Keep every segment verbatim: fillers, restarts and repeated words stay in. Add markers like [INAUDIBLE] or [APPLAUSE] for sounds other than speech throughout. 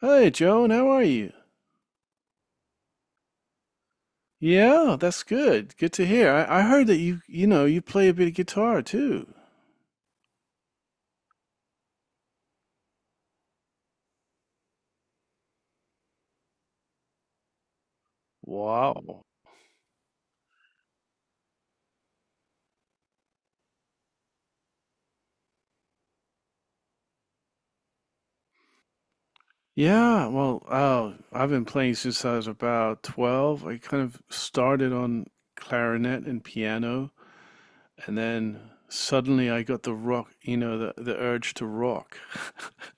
Hey, Joan, how are you? Yeah, that's good. Good to hear. I, I heard that you, you know, you play a bit of guitar too. Wow. Yeah, well, uh, I've been playing since I was about twelve. I kind of started on clarinet and piano, and then suddenly I got the rock, you know, the, the urge to rock. [LAUGHS]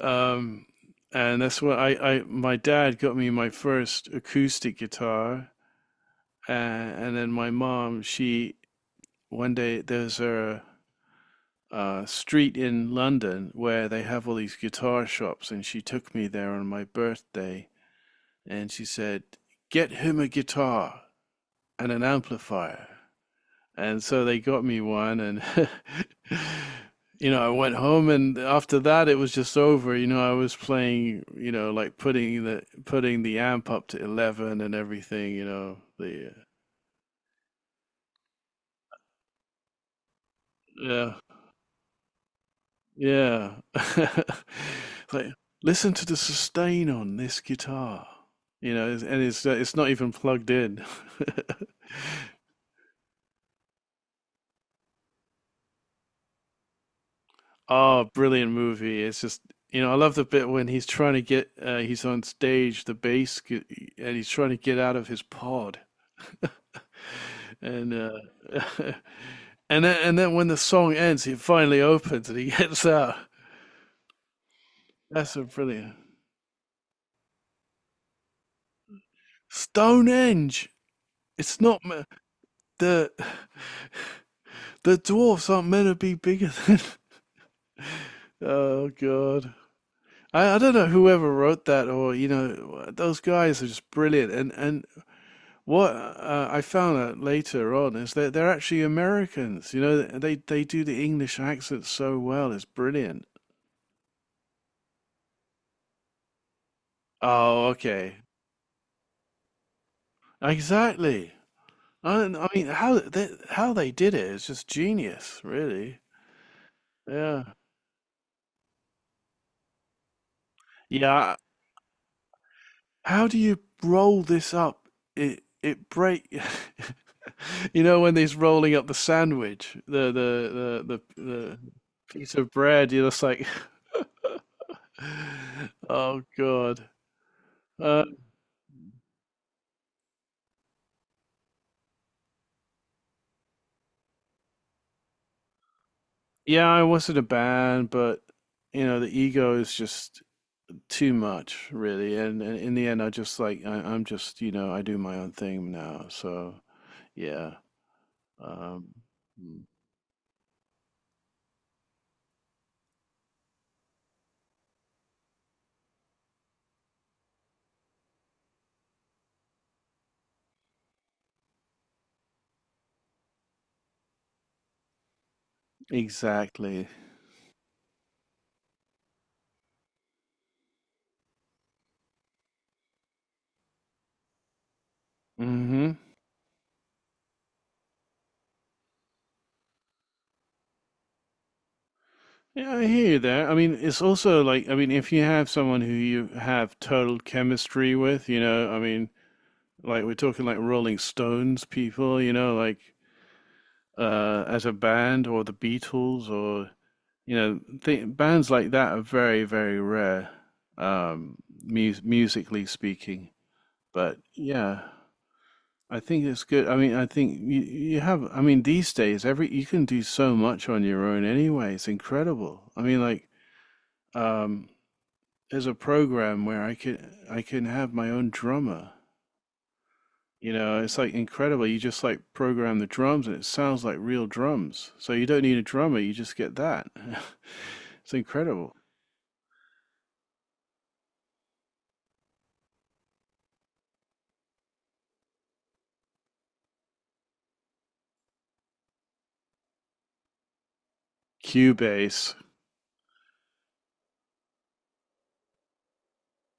Um, and that's what I, I, my dad got me my first acoustic guitar. And, and then my mom, she one day there's a, a street in London where they have all these guitar shops, and she took me there on my birthday, and she said, "Get him a guitar and an amplifier." And so they got me one, and [LAUGHS] you know, I went home, and after that, it was just over. You know, I was playing, you know, like putting the putting the amp up to eleven and everything. You know, the yeah. Yeah. [LAUGHS] It's like, listen to the sustain on this guitar. You know, it's- and it's uh, it's not even plugged in. [LAUGHS] Oh, brilliant movie. It's just, you know, I love the bit when he's trying to get uh, he's on stage, the bass gu- and he's trying to get out of his pod. [LAUGHS] And uh [LAUGHS] and then and then when the song ends, it finally opens and he [LAUGHS] gets out. That's a brilliant. Stonehenge. It's not ma- the The dwarfs aren't meant to be bigger than. [LAUGHS] Oh god. I, I don't know whoever wrote that, or you know those guys are just brilliant, and and what uh, I found out later on is that they're actually Americans. You know, they they do the English accent so well, it's brilliant. Oh, okay. Exactly. I, I mean, how they, how they did it is just genius, really. Yeah, yeah. How do you roll this up? It it break. [LAUGHS] You know when he's rolling up the sandwich, the the the the, the piece of bread. You're just like, [LAUGHS] oh god. Uh, yeah, I was in a band, but you know the ego is just too much, really. And, and in the end, I just like I, I'm just, you know, I do my own thing now. So yeah. um, mm, exactly. Hmm. Yeah, I hear you there. I mean, it's also like, I mean, if you have someone who you have total chemistry with, you know, I mean, like we're talking like Rolling Stones people, you know, like uh as a band, or the Beatles, or you know, th bands like that are very, very rare, um, mu musically speaking. But yeah, I think it's good. I mean, I think you you have, I mean, these days every you can do so much on your own anyway. It's incredible. I mean, like um there's a program where I can I can have my own drummer. You know, it's like incredible. You just like program the drums and it sounds like real drums. So you don't need a drummer, you just get that. [LAUGHS] It's incredible. Cubase.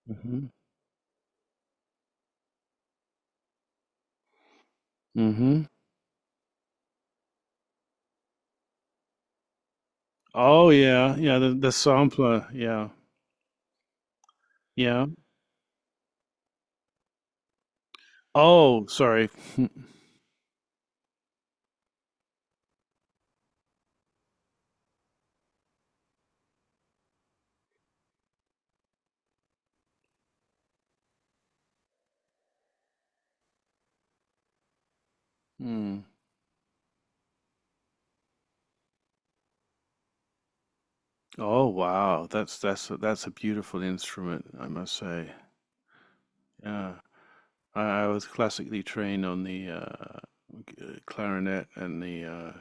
Mm. Mhm. Mm. Mhm. Oh yeah, yeah, the the sampler, yeah. Yeah. Oh, sorry. [LAUGHS] Mm. Oh wow, that's that's a, that's a beautiful instrument, I must say. Yeah. I, I was classically trained on the uh, g- uh, clarinet and the. Uh,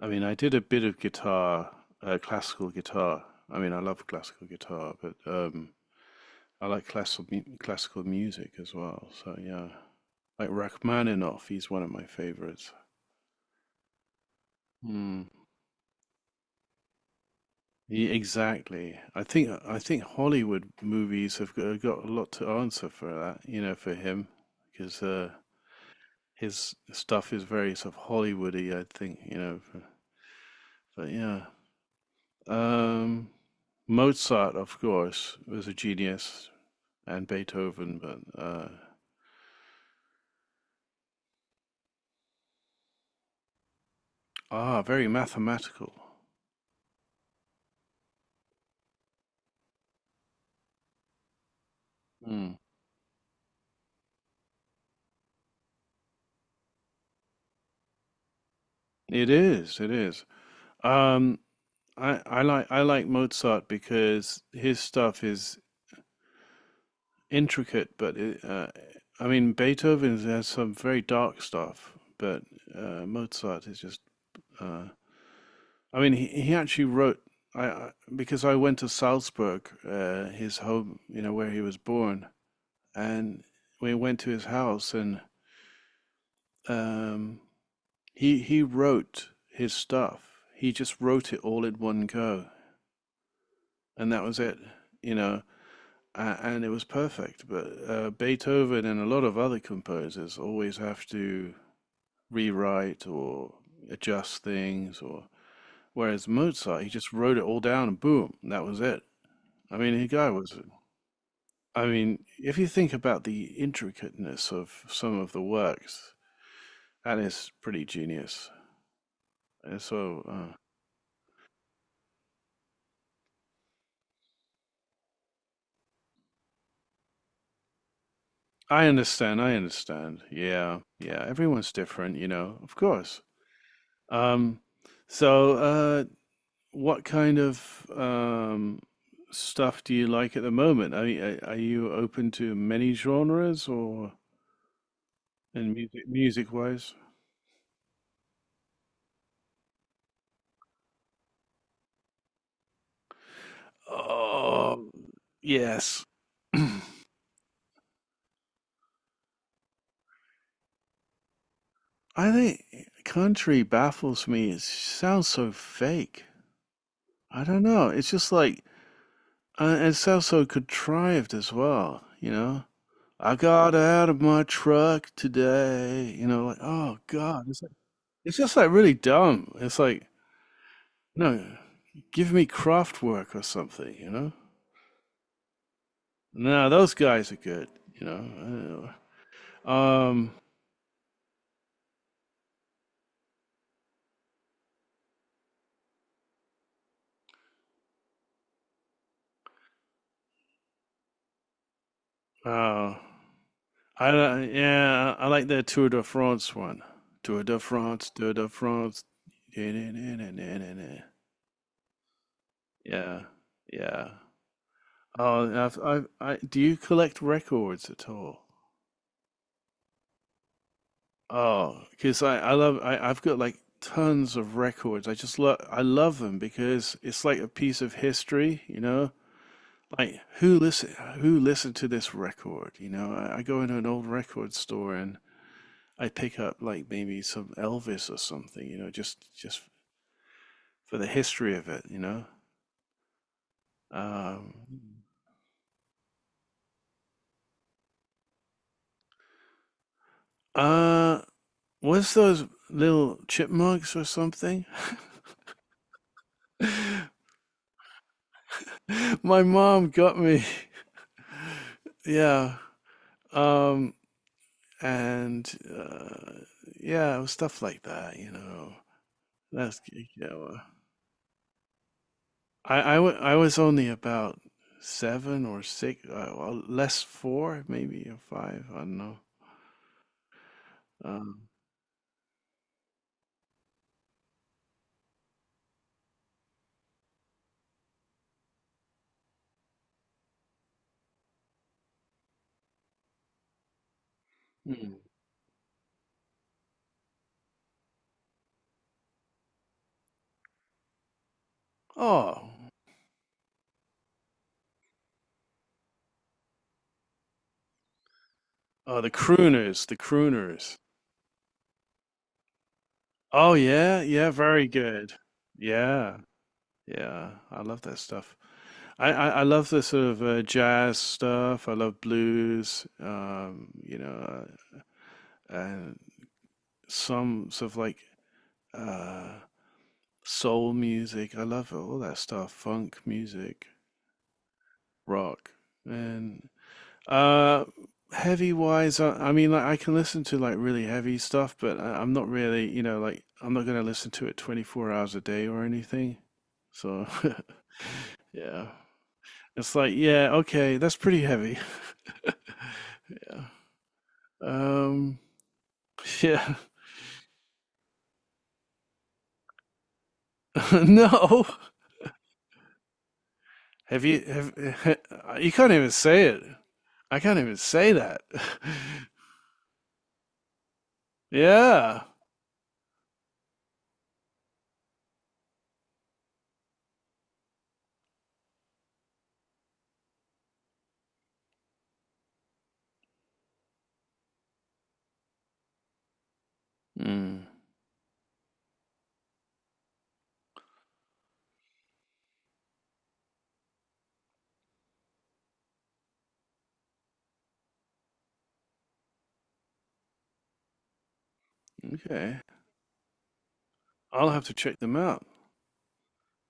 I mean, I did a bit of guitar, uh, classical guitar. I mean, I love classical guitar, but um, I like classical mu- classical music as well. So yeah, like Rachmaninoff, he's one of my favorites. Mm. Ye- exactly. I think I think Hollywood movies have got, got a lot to answer for that, you know, for him, because uh, his stuff is very sort of Hollywoody, I think, you know. But yeah, um, Mozart, of course, was a genius, and Beethoven, but uh, ah, very mathematical. Mm. It is, it is. Um, I, I like I like Mozart because his stuff is intricate, but it, uh, I mean Beethoven has some very dark stuff, but uh, Mozart is just. Uh, I mean, he, he actually wrote I, I because I went to Salzburg, uh, his home, you know, where he was born, and we went to his house and um, he he wrote his stuff. He just wrote it all in one go, and that was it. You know, uh, and it was perfect. But uh, Beethoven and a lot of other composers always have to rewrite, or adjust things, or whereas Mozart, he just wrote it all down and boom, and that was it. I mean, the guy was. I mean, if you think about the intricateness of some of the works, that is pretty genius. Uh, So, uh, I understand, I understand. Yeah, yeah, everyone's different, you know, of course. Um, so, uh, what kind of um, stuff do you like at the moment? Are, y- are, you open to many genres, or in music music wise? Oh, yes. [CLEARS THROAT] I think country baffles me. It sounds so fake. I don't know. It's just like, uh, it sounds so contrived as well, you know? I got out of my truck today. You know, like, oh God, it's like it's just like really dumb. It's like, no, give me craft work or something, you know? No, those guys are good, you know. I don't know. Um, oh, I don't- yeah, I like their Tour de France one. Tour de France, Tour de France. Yeah, yeah. Oh, I've, I've, I, do you collect records at all? Oh, because I, I love I, I've got like tons of records. I just love I love them because it's like a piece of history, you know. Like who listen who listened to this record? You know, I, I go into an old record store and I pick up like maybe some Elvis or something, you know, just just for the history of it, you know. Um, uh, what's those little chipmunks or something? [LAUGHS] My mom got me. [LAUGHS] Yeah. Um, and uh, yeah, it was stuff like that, you know. That's yeah know, uh, I I w I was only about seven or six, uh, well, less four, maybe or five. I don't know. Um, hmm. Oh, oh, the crooners, the crooners. Oh yeah, yeah, very good. Yeah, yeah, I love that stuff. I, I, I love the sort of uh, jazz stuff. I love blues. Um, you know, uh, and some sort of like uh soul music. I love it, all that stuff, funk music, rock, and uh heavy wise. I, I mean, like I can listen to like really heavy stuff, but I, I'm not really, you know, like I'm not gonna listen to it twenty-four hours a day or anything. So [LAUGHS] yeah, it's like yeah, okay, that's pretty heavy. [LAUGHS] Yeah. Um. Yeah. [LAUGHS] No. Have you have [LAUGHS] you can't even say it. I can't even say that. [LAUGHS] Yeah. Mm, okay. I'll have to check them out.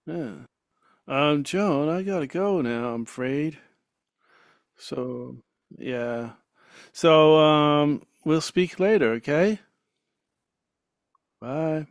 Yeah. Um, Joan, I gotta go now, I'm afraid. So, yeah. So, um, we'll speak later, okay? Bye.